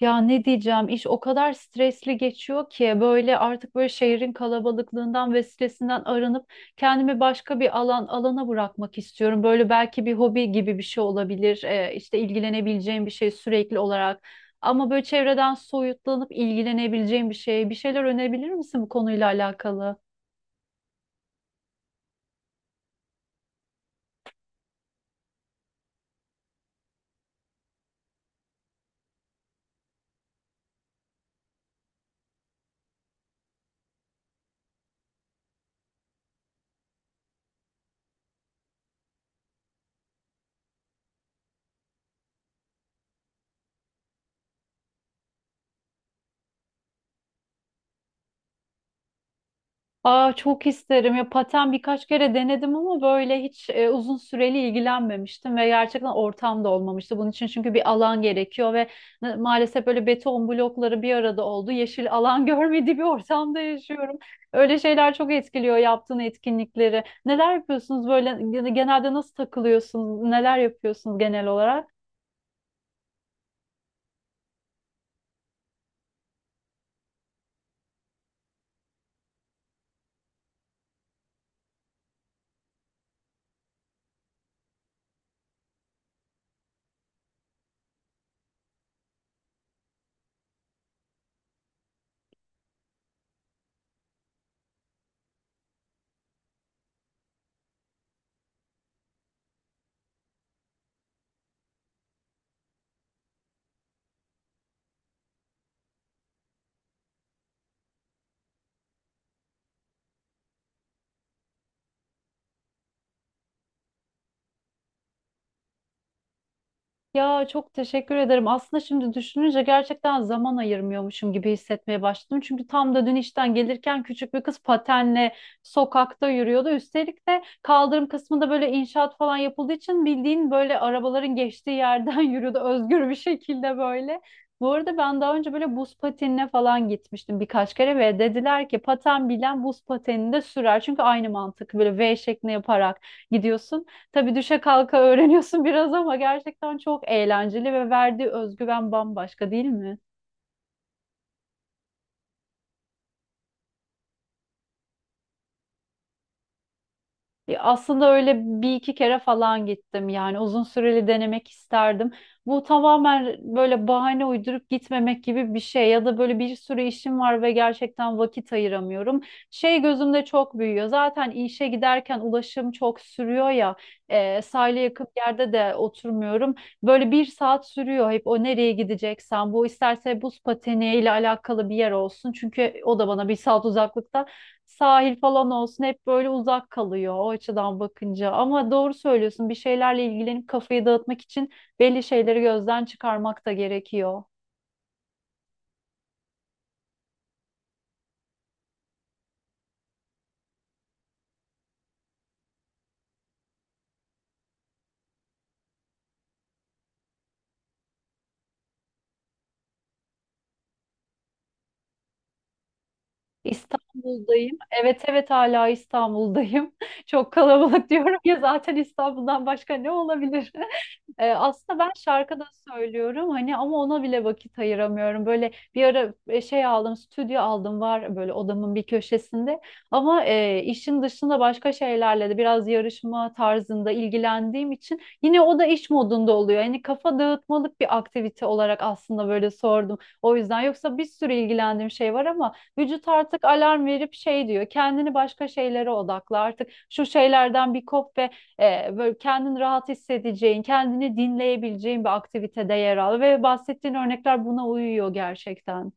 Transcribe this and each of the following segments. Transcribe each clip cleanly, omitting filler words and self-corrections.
Ya ne diyeceğim, iş o kadar stresli geçiyor ki böyle artık böyle şehrin kalabalıklığından ve stresinden arınıp kendimi başka bir alana bırakmak istiyorum. Böyle belki bir hobi gibi bir şey olabilir. İşte ilgilenebileceğim bir şey sürekli olarak. Ama böyle çevreden soyutlanıp ilgilenebileceğim bir şey. Bir şeyler önerebilir misin bu konuyla alakalı? Aa, çok isterim ya, paten birkaç kere denedim ama böyle hiç uzun süreli ilgilenmemiştim ve gerçekten ortam da olmamıştı bunun için, çünkü bir alan gerekiyor ve maalesef böyle beton blokları bir arada oldu, yeşil alan görmediği bir ortamda yaşıyorum. Öyle şeyler çok etkiliyor. Yaptığın etkinlikleri, neler yapıyorsunuz böyle genelde? Nasıl takılıyorsunuz, neler yapıyorsunuz genel olarak? Ya çok teşekkür ederim. Aslında şimdi düşününce gerçekten zaman ayırmıyormuşum gibi hissetmeye başladım. Çünkü tam da dün işten gelirken küçük bir kız patenle sokakta yürüyordu. Üstelik de kaldırım kısmında böyle inşaat falan yapıldığı için bildiğin böyle arabaların geçtiği yerden yürüyordu özgür bir şekilde böyle. Bu arada ben daha önce böyle buz patenine falan gitmiştim birkaç kere ve dediler ki paten bilen buz patenini de sürer. Çünkü aynı mantık, böyle V şeklinde yaparak gidiyorsun. Tabii düşe kalka öğreniyorsun biraz ama gerçekten çok eğlenceli ve verdiği özgüven bambaşka, değil mi? Aslında öyle bir iki kere falan gittim, yani uzun süreli denemek isterdim. Bu tamamen böyle bahane uydurup gitmemek gibi bir şey ya da böyle bir sürü işim var ve gerçekten vakit ayıramıyorum. Şey, gözümde çok büyüyor zaten, işe giderken ulaşım çok sürüyor ya, sahile yakın bir yerde de oturmuyorum. Böyle bir saat sürüyor hep o, nereye gideceksen, bu isterse buz pateni ile alakalı bir yer olsun, çünkü o da bana bir saat uzaklıkta, sahil falan olsun, hep böyle uzak kalıyor o açıdan bakınca. Ama doğru söylüyorsun, bir şeylerle ilgilenip kafayı dağıtmak için belli şeyleri gözden çıkarmak da gerekiyor. İstanbul'dayım. Evet evet, hala İstanbul'dayım. Çok kalabalık diyorum ya zaten, İstanbul'dan başka ne olabilir? Aslında ben şarkı da söylüyorum hani ama ona bile vakit ayıramıyorum. Böyle bir ara şey aldım, stüdyo aldım, var böyle odamın bir köşesinde. Ama işin dışında başka şeylerle de biraz yarışma tarzında ilgilendiğim için yine o da iş modunda oluyor. Yani kafa dağıtmalık bir aktivite olarak aslında böyle sordum. O yüzden, yoksa bir sürü ilgilendiğim şey var ama vücut artık alarm verip şey diyor: kendini başka şeylere odakla artık, şu şeylerden bir kop ve böyle kendini rahat hissedeceğin, kendini dinleyebileceğin bir aktivitede yer al. Ve bahsettiğin örnekler buna uyuyor gerçekten.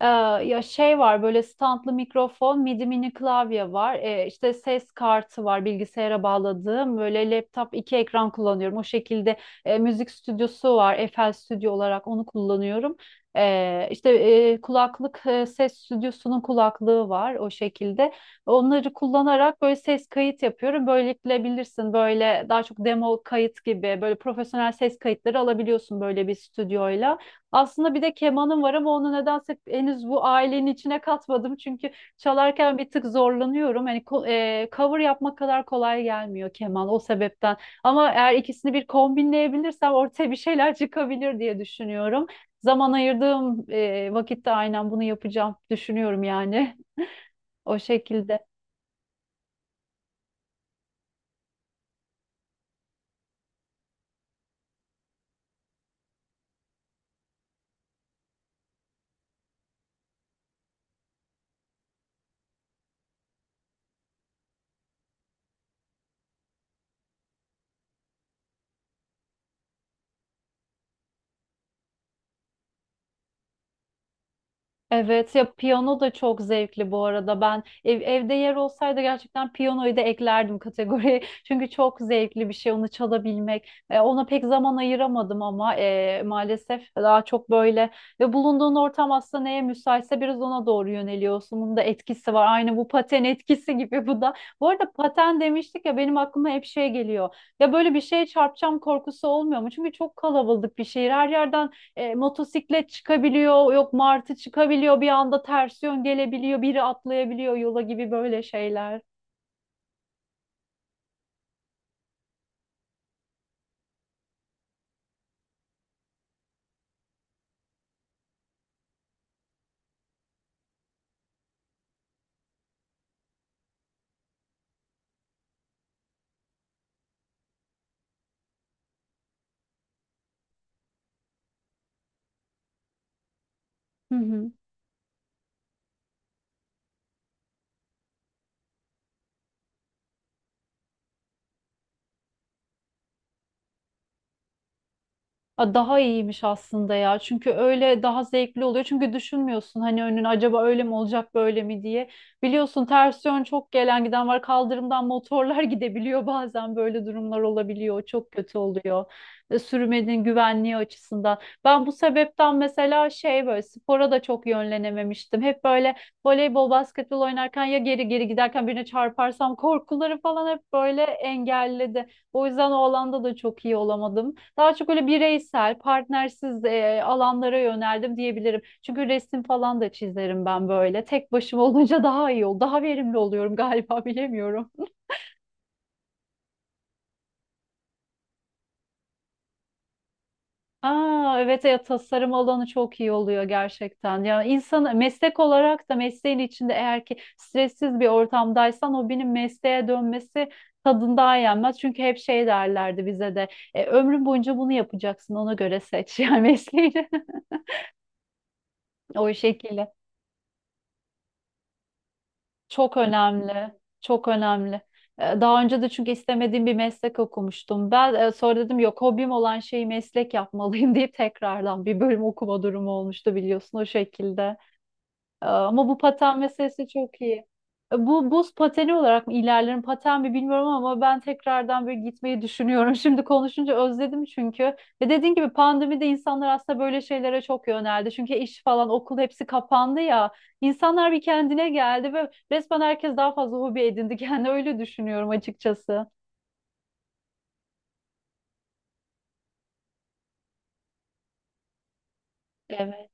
Ee, Ya şey var, böyle standlı mikrofon, midi mini klavye var. İşte ses kartı var bilgisayara bağladığım. Böyle laptop iki ekran kullanıyorum. O şekilde müzik stüdyosu var. FL Studio olarak onu kullanıyorum. İşte e, kulaklık, ses stüdyosunun kulaklığı var o şekilde. Onları kullanarak böyle ses kayıt yapıyorum. Böylelikle, bilirsin, böyle daha çok demo kayıt gibi böyle profesyonel ses kayıtları alabiliyorsun böyle bir stüdyoyla. Aslında bir de kemanım var ama onu nedense henüz bu ailenin içine katmadım. Çünkü çalarken bir tık zorlanıyorum. Cover yapmak kadar kolay gelmiyor keman, o sebepten. Ama eğer ikisini bir kombinleyebilirsem ortaya bir şeyler çıkabilir diye düşünüyorum. Zaman ayırdığım vakitte aynen bunu yapacağım, düşünüyorum yani o şekilde. Evet ya, piyano da çok zevkli bu arada. Ben evde yer olsaydı gerçekten piyanoyu da eklerdim kategoriye. Çünkü çok zevkli bir şey onu çalabilmek. E, ona pek zaman ayıramadım ama maalesef daha çok böyle ve bulunduğun ortam aslında neye müsaitse biraz ona doğru yöneliyorsun. Bunun da etkisi var. Aynı bu paten etkisi gibi bu da. Bu arada paten demiştik ya, benim aklıma hep şey geliyor. Ya böyle bir şeye çarpacağım korkusu olmuyor mu? Çünkü çok kalabalık bir şehir. Her yerden motosiklet çıkabiliyor, yok martı çıkabiliyor, bir anda ters yön gelebiliyor, biri atlayabiliyor yola, gibi böyle şeyler. Hı hı. Aa, daha iyiymiş aslında ya. Çünkü öyle daha zevkli oluyor. Çünkü düşünmüyorsun hani önün acaba öyle mi olacak böyle mi diye. Biliyorsun, ters yön çok gelen giden var. Kaldırımdan motorlar gidebiliyor bazen, böyle durumlar olabiliyor. Çok kötü oluyor. E, sürmenin güvenliği açısından. Ben bu sebepten mesela şey, böyle spora da çok yönlenememiştim. Hep böyle voleybol, basketbol oynarken ya geri geri giderken birine çarparsam korkuları falan hep böyle engelledi. O yüzden o alanda da çok iyi olamadım. Daha çok öyle bireysel, partnersiz alanlara yöneldim diyebilirim. Çünkü resim falan da çizerim ben böyle. Tek başıma olunca daha iyi daha verimli oluyorum galiba bilemiyorum. Aa, evet ya, tasarım alanı çok iyi oluyor gerçekten. Ya insan meslek olarak da mesleğin içinde eğer ki stressiz bir ortamdaysan o, benim mesleğe dönmesi tadından yenmez. Çünkü hep şey derlerdi bize de: ömrün boyunca bunu yapacaksın, ona göre seç yani mesleğini. O şekilde. Çok önemli. Çok önemli. Daha önce de çünkü istemediğim bir meslek okumuştum. Ben sonra dedim yok, hobim olan şeyi meslek yapmalıyım deyip tekrardan bir bölüm okuma durumu olmuştu, biliyorsun, o şekilde. Ama bu paten meselesi çok iyi. Bu buz pateni olarak mı ilerlerim, paten mi bilmiyorum ama ben tekrardan böyle gitmeyi düşünüyorum. Şimdi konuşunca özledim çünkü. Ve dediğin gibi pandemide insanlar aslında böyle şeylere çok yöneldi. Çünkü iş falan, okul, hepsi kapandı ya. İnsanlar bir kendine geldi ve resmen herkes daha fazla hobi edindi. Yani öyle düşünüyorum açıkçası. Evet.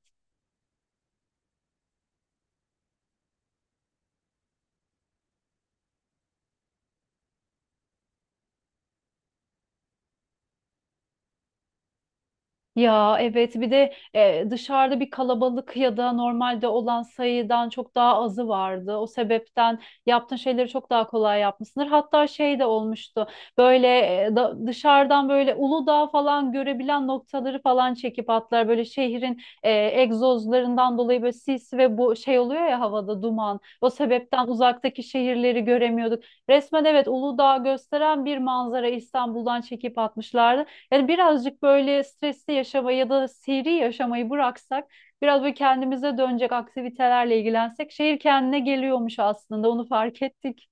Ya evet, bir de dışarıda bir kalabalık ya da normalde olan sayıdan çok daha azı vardı. O sebepten yaptığın şeyleri çok daha kolay yapmışsındır. Hatta şey de olmuştu, böyle dışarıdan böyle Uludağ falan görebilen noktaları falan çekip atlar. Böyle şehrin egzozlarından dolayı böyle sis ve bu şey oluyor ya, havada duman. O sebepten uzaktaki şehirleri göremiyorduk. Resmen evet, Uludağ gösteren bir manzara İstanbul'dan çekip atmışlardı. Yani birazcık böyle stresli yaşamayı ya da seri yaşamayı bıraksak, biraz böyle kendimize dönecek aktivitelerle ilgilensek şehir kendine geliyormuş aslında, onu fark ettik.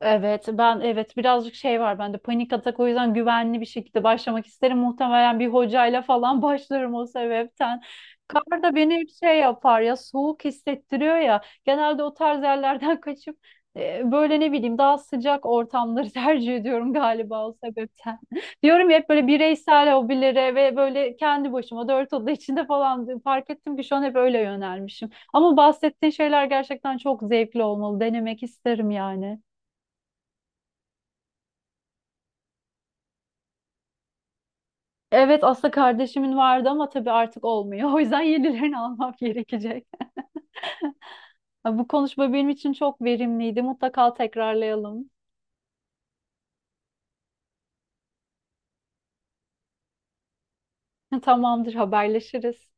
Evet, ben evet birazcık şey var bende, panik atak, o yüzden güvenli bir şekilde başlamak isterim. Muhtemelen bir hocayla falan başlarım, o sebepten. Kar da beni hep şey yapar ya, soğuk hissettiriyor ya. Genelde o tarz yerlerden kaçıp böyle ne bileyim daha sıcak ortamları tercih ediyorum galiba, o sebepten. Diyorum ya, hep böyle bireysel hobilere ve böyle kendi başıma dört oda içinde falan, fark ettim ki şu an hep öyle yönelmişim. Ama bahsettiğin şeyler gerçekten çok zevkli olmalı. Denemek isterim yani. Evet, aslında kardeşimin vardı ama tabii artık olmuyor. O yüzden yenilerini almam gerekecek. Ha, bu konuşma benim için çok verimliydi. Mutlaka tekrarlayalım. Tamamdır, haberleşiriz.